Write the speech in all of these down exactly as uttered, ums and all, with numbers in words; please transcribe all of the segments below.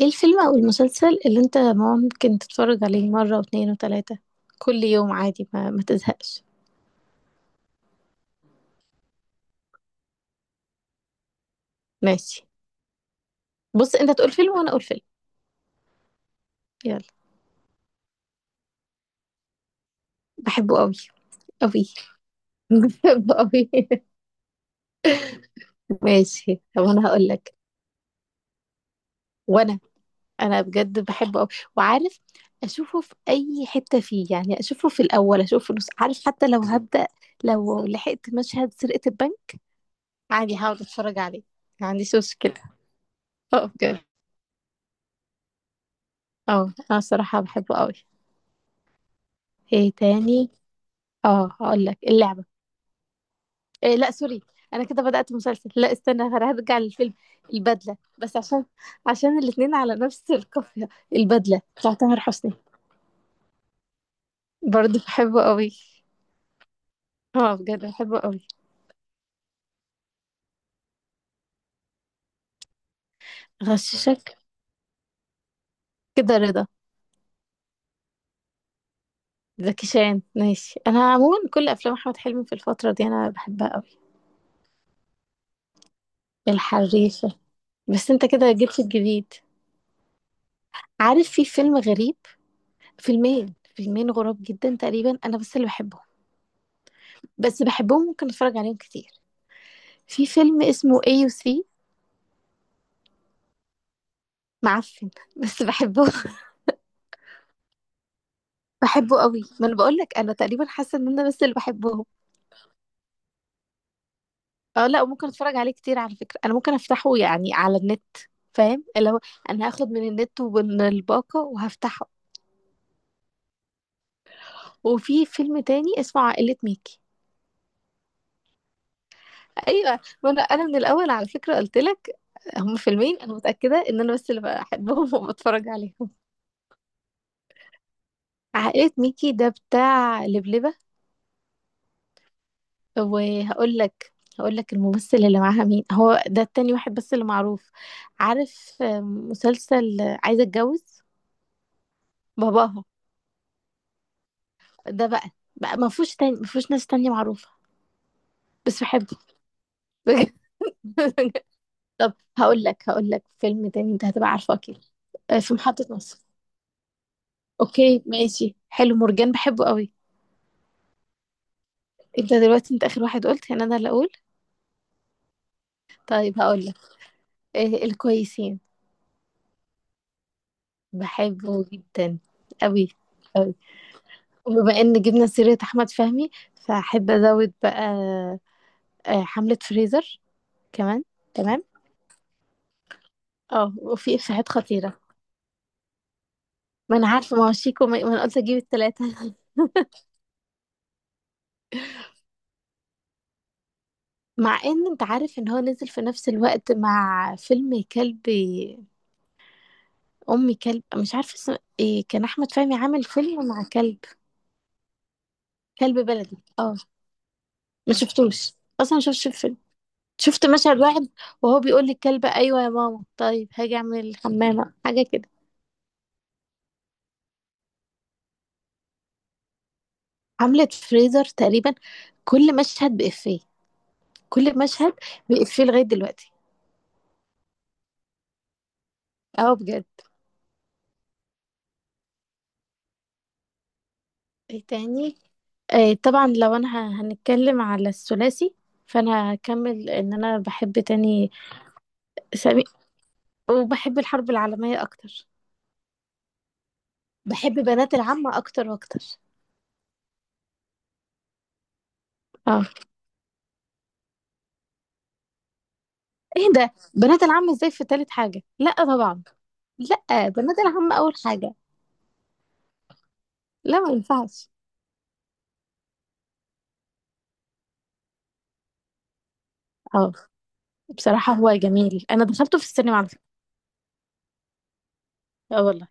ايه الفيلم او المسلسل اللي انت ممكن تتفرج عليه مرة واتنين وتلاتة كل يوم عادي، ما, ما تزهقش. ماشي. بص، انت تقول فيلم وانا اقول فيلم. يلا. بحبه قوي قوي. بحبه قوي. ماشي، طب انا هقول لك. وانا انا بجد بحبه قوي وعارف. اشوفه في اي حتة فيه، يعني اشوفه في الاول، اشوفه في النص، عارف؟ حتى لو هبدأ لو لحقت مشهد سرقة البنك، عادي هقعد اتفرج عليه، ما عنديش مشكلة. اه بجد. اه انا صراحة بحبه قوي. ايه تاني؟ اه هقول لك اللعبة. إيه، لا سوري، انا كده بدأت مسلسل، لا استنى هرجع للفيلم. البدلة، بس عشان عشان الاتنين على نفس القافية. البدلة بتاع تامر حسني. برضه بحبه قوي. اه بجد بحبه قوي. غششك كده. رضا زكي شان؟ ماشي. انا عموما كل افلام احمد حلمي في الفترة دي انا بحبها قوي. الحريفة. بس انت كده جبت الجديد. عارف في فيلم غريب، فيلمين فيلمين غراب جدا تقريبا انا بس اللي بحبهم. بس بحبهم، ممكن اتفرج عليهم كتير. في فيلم اسمه ايه يو سي، معفن بس بحبه. بحبه قوي. ما انا بقول لك انا تقريبا حاسه ان انا بس اللي بحبهم. اه لا، وممكن اتفرج عليه كتير على فكره. انا ممكن افتحه يعني على النت، فاهم؟ اللي هو انا هاخد من النت ومن الباقه وهفتحه. وفي فيلم تاني اسمه عائله ميكي. ايوه، ما انا انا من الاول على فكره قلت لك، هم فيلمين انا متاكده ان انا بس اللي بحبهم وبتفرج عليهم. عائله ميكي ده بتاع لبلبه. طب وهقول لك، هقول لك الممثل اللي معاها مين هو ده، التاني واحد بس اللي معروف. عارف، آم، مسلسل عايزة اتجوز باباها؟ ده بقى بقى ما فيهوش تاني، ما فيهوش ناس تانية معروفة، بس بحبه. بجد. طب هقول لك هقول لك فيلم تاني انت هتبقى عارفه اكيد. آه، في محطة مصر. اوكي ماشي، حلو، مرجان بحبه قوي. انت دلوقتي انت اخر واحد قلت، يعني انا اللي اقول. طيب هقول لك، آه، الكويسين. بحبه جدا. قوي قوي. وبما ان جبنا سيرة احمد فهمي، فاحب ازود بقى، آه، حملة فريزر. كمان. تمام. اه وفي افيهات خطيرة. ما انا عارفة، ما هو شيكو، ما ما انا قلت اجيب التلاتة. مع ان انت عارف ان هو نزل في نفس الوقت مع فيلم كلب، ام كلب، مش عارفة اسمه ايه، كان احمد فهمي عامل فيلم مع كلب. كلب بلدي، اه. ما شفتوش، اصلا ما شفتش الفيلم، شفت مشهد واحد، وهو بيقول للكلب ايوه يا ماما طيب هاجي اعمل الحمامة حاجة كده. عملت فريزر تقريبا كل مشهد بإفيه، كل مشهد بإفيه لغاية دلوقتي. اه بجد. ايه تاني؟ آه طبعا لو انا ه- هنتكلم على الثلاثي، فانا هكمل ان انا بحب تاني سامي. وبحب الحرب العالمية اكتر. بحب بنات العم اكتر واكتر. اه، ايه ده، بنات العم ازاي في تالت حاجة؟ لا طبعا. لا، بنات العم اول حاجة. لا، ما ينفعش. اه، بصراحة هو جميل، انا دخلته في السينما على فكرة. اه والله.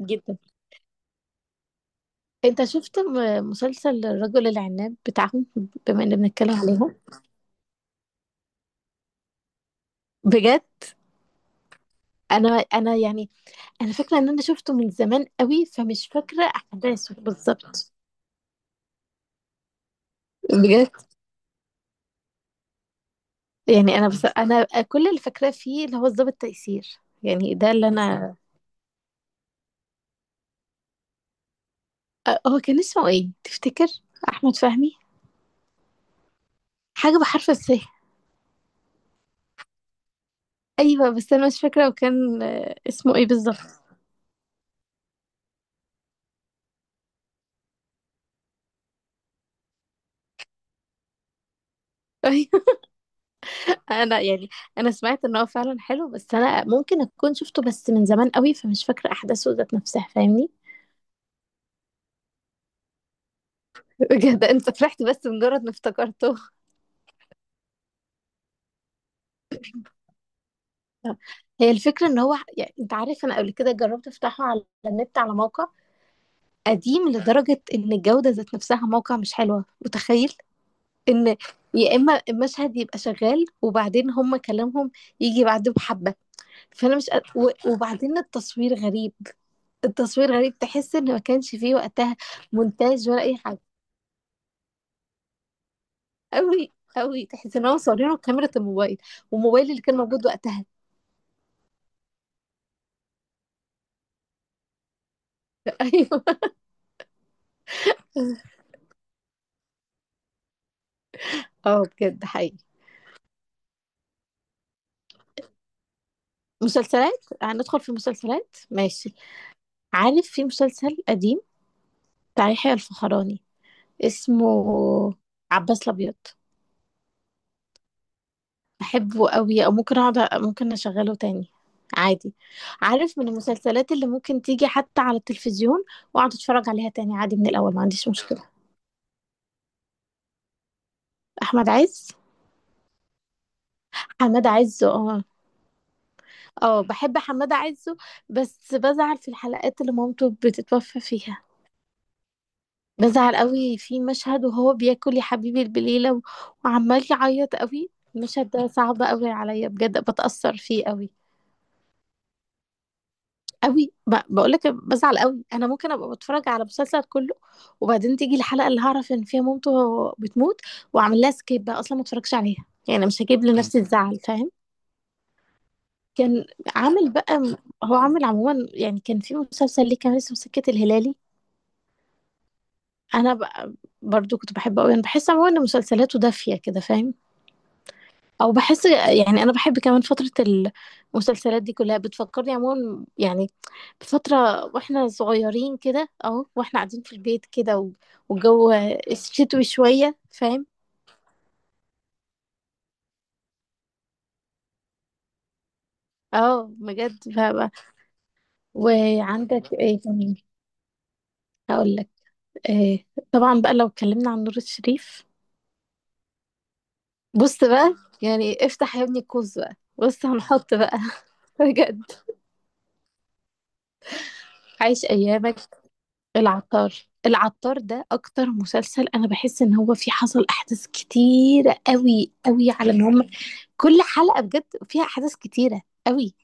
جدا. انت شفت م- مسلسل الرجل العناب بتاعهم؟ بما ان بنتكلم عليهم. بجد. انا انا يعني انا فاكره ان انا شفته من زمان قوي، فمش فاكره احداثه بالظبط. بجد. يعني انا بس انا كل اللي فاكراه فيه اللي هو الضابط تيسير، يعني ده اللي انا. أ- هو كان اسمه ايه تفتكر؟ احمد فهمي. حاجه بحرف السه. ايوه بس انا مش فاكره، وكان آه، اسمه ايه بالظبط؟ انا يعني انا سمعت ان هو فعلا حلو، بس انا ممكن اكون شفته بس من زمان قوي، فمش فاكره احداثه ذات نفسها، فاهمني؟ بجد انت فرحت بس مجرد ما افتكرته. هي الفكره ان هو، يعني انت عارف، انا قبل كده جربت افتحه على النت على موقع قديم لدرجه ان الجوده ذات نفسها موقع مش حلوه، متخيل؟ ان يا اما المشهد يبقى شغال وبعدين هم كلامهم يجي بعده، بحبه. فانا مش قد- و- وبعدين التصوير غريب. التصوير غريب، تحس ان ما كانش فيه وقتها مونتاج ولا اي حاجه. قوي قوي، تحس ان هم صورينه بكاميرا الموبايل، والموبايل اللي كان موجود وقتها. ايوه. اه بجد حقيقي. مسلسلات، هندخل في مسلسلات. ماشي، عارف في مسلسل قديم بتاع يحيى الفخراني، اسمه عباس الابيض؟ بحبه قوي، او ممكن اقعد ممكن اشغله تاني عادي. عارف من المسلسلات اللي ممكن تيجي حتى على التلفزيون واقعد اتفرج عليها تاني عادي من الاول، ما عنديش مشكله. احمد عز. حماد عز، اه. اه بحب حمادة عزه، بس بزعل في الحلقات اللي مامته بتتوفى فيها. بزعل قوي في مشهد وهو بياكل يا حبيبي البليلة و- وعمال يعيط قوي. المشهد ده صعب قوي عليا، بجد بتأثر فيه قوي. قوي، ب- بقولك بزعل قوي. انا ممكن ابقى بتفرج على مسلسل كله وبعدين تيجي الحلقة اللي هعرف ان فيها مامته بتموت، واعمل لها سكيب بقى، اصلا ما اتفرجش عليها، يعني مش هجيب مم. لنفسي الزعل، فاهم؟ كان عامل بقى، هو عامل عموما، يعني كان في مسلسل ليه كان اسمه سكة الهلالي. انا ب... برضو كنت بحبه قوي. انا بحس عموما ان مسلسلاته دافيه كده، فاهم؟ او بحس، يعني انا بحب كمان فتره، المسلسلات دي كلها بتفكرني عموما، يعني بفتره واحنا صغيرين كده اهو، واحنا قاعدين في البيت كده و... والجو شتوي شويه، فاهم؟ اه بجد فاهمة. وعندك ايه كمان؟ هقول لك. إيه. طبعا بقى لو اتكلمنا عن نور الشريف. بص بقى، يعني افتح يا ابني القوس بقى، بص هنحط بقى. بجد. عايش ايامك. العطار العطار ده اكتر مسلسل انا بحس ان هو فيه حصل احداث كتيره قوي قوي، على ان هم كل حلقه بجد فيها احداث كتيره قوي.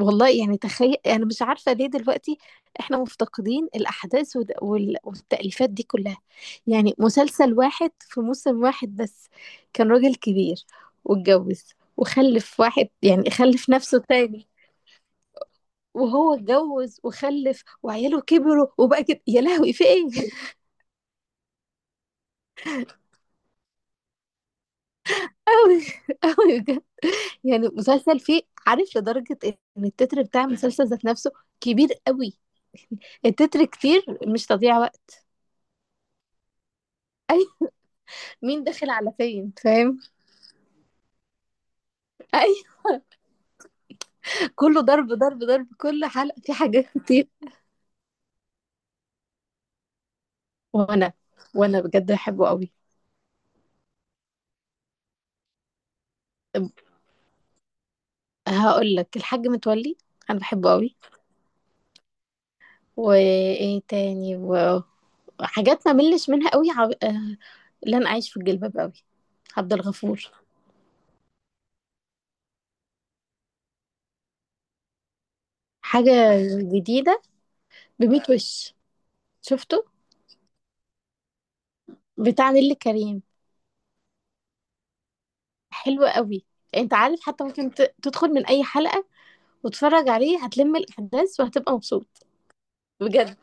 والله يعني تخيل، انا مش عارفه ليه دلوقتي احنا مفتقدين الاحداث والد- وال- والتأليفات دي كلها. يعني مسلسل واحد في موسم واحد بس، كان راجل كبير واتجوز وخلف واحد، يعني خلف نفسه تاني، وهو اتجوز وخلف وعياله كبروا وبقى كده يا لهوي في ايه. أوي. أوي بجد. يعني مسلسل فيه، عارف، لدرجة إن التتر بتاع المسلسل ذات نفسه كبير أوي. التتر كتير، مش تضييع وقت. أي. مين داخل على فين، فاهم؟ أي، كله ضرب ضرب ضرب، كل حلقة في حاجات كتير. وأنا وأنا بجد بحبه أوي. هقول لك الحاج متولي، أنا بحبه أوي. وإيه تاني و- وحاجات ما ملش منها أوي. عب... آه، لن أعيش في الجلباب أوي. عبد الغفور. حاجة جديدة. بميت وش شفته، بتاع نيللي كريم. حلو قوي، انت عارف حتى ممكن ت- تدخل من اي حلقة وتتفرج عليه هتلم الاحداث وهتبقى مبسوط. بجد،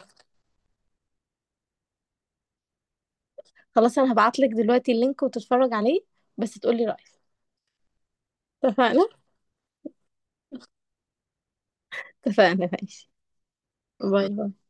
خلاص انا هبعتلك دلوقتي اللينك وتتفرج عليه، بس تقولي رأيك. اتفقنا. اتفقنا، ماشي. باي باي.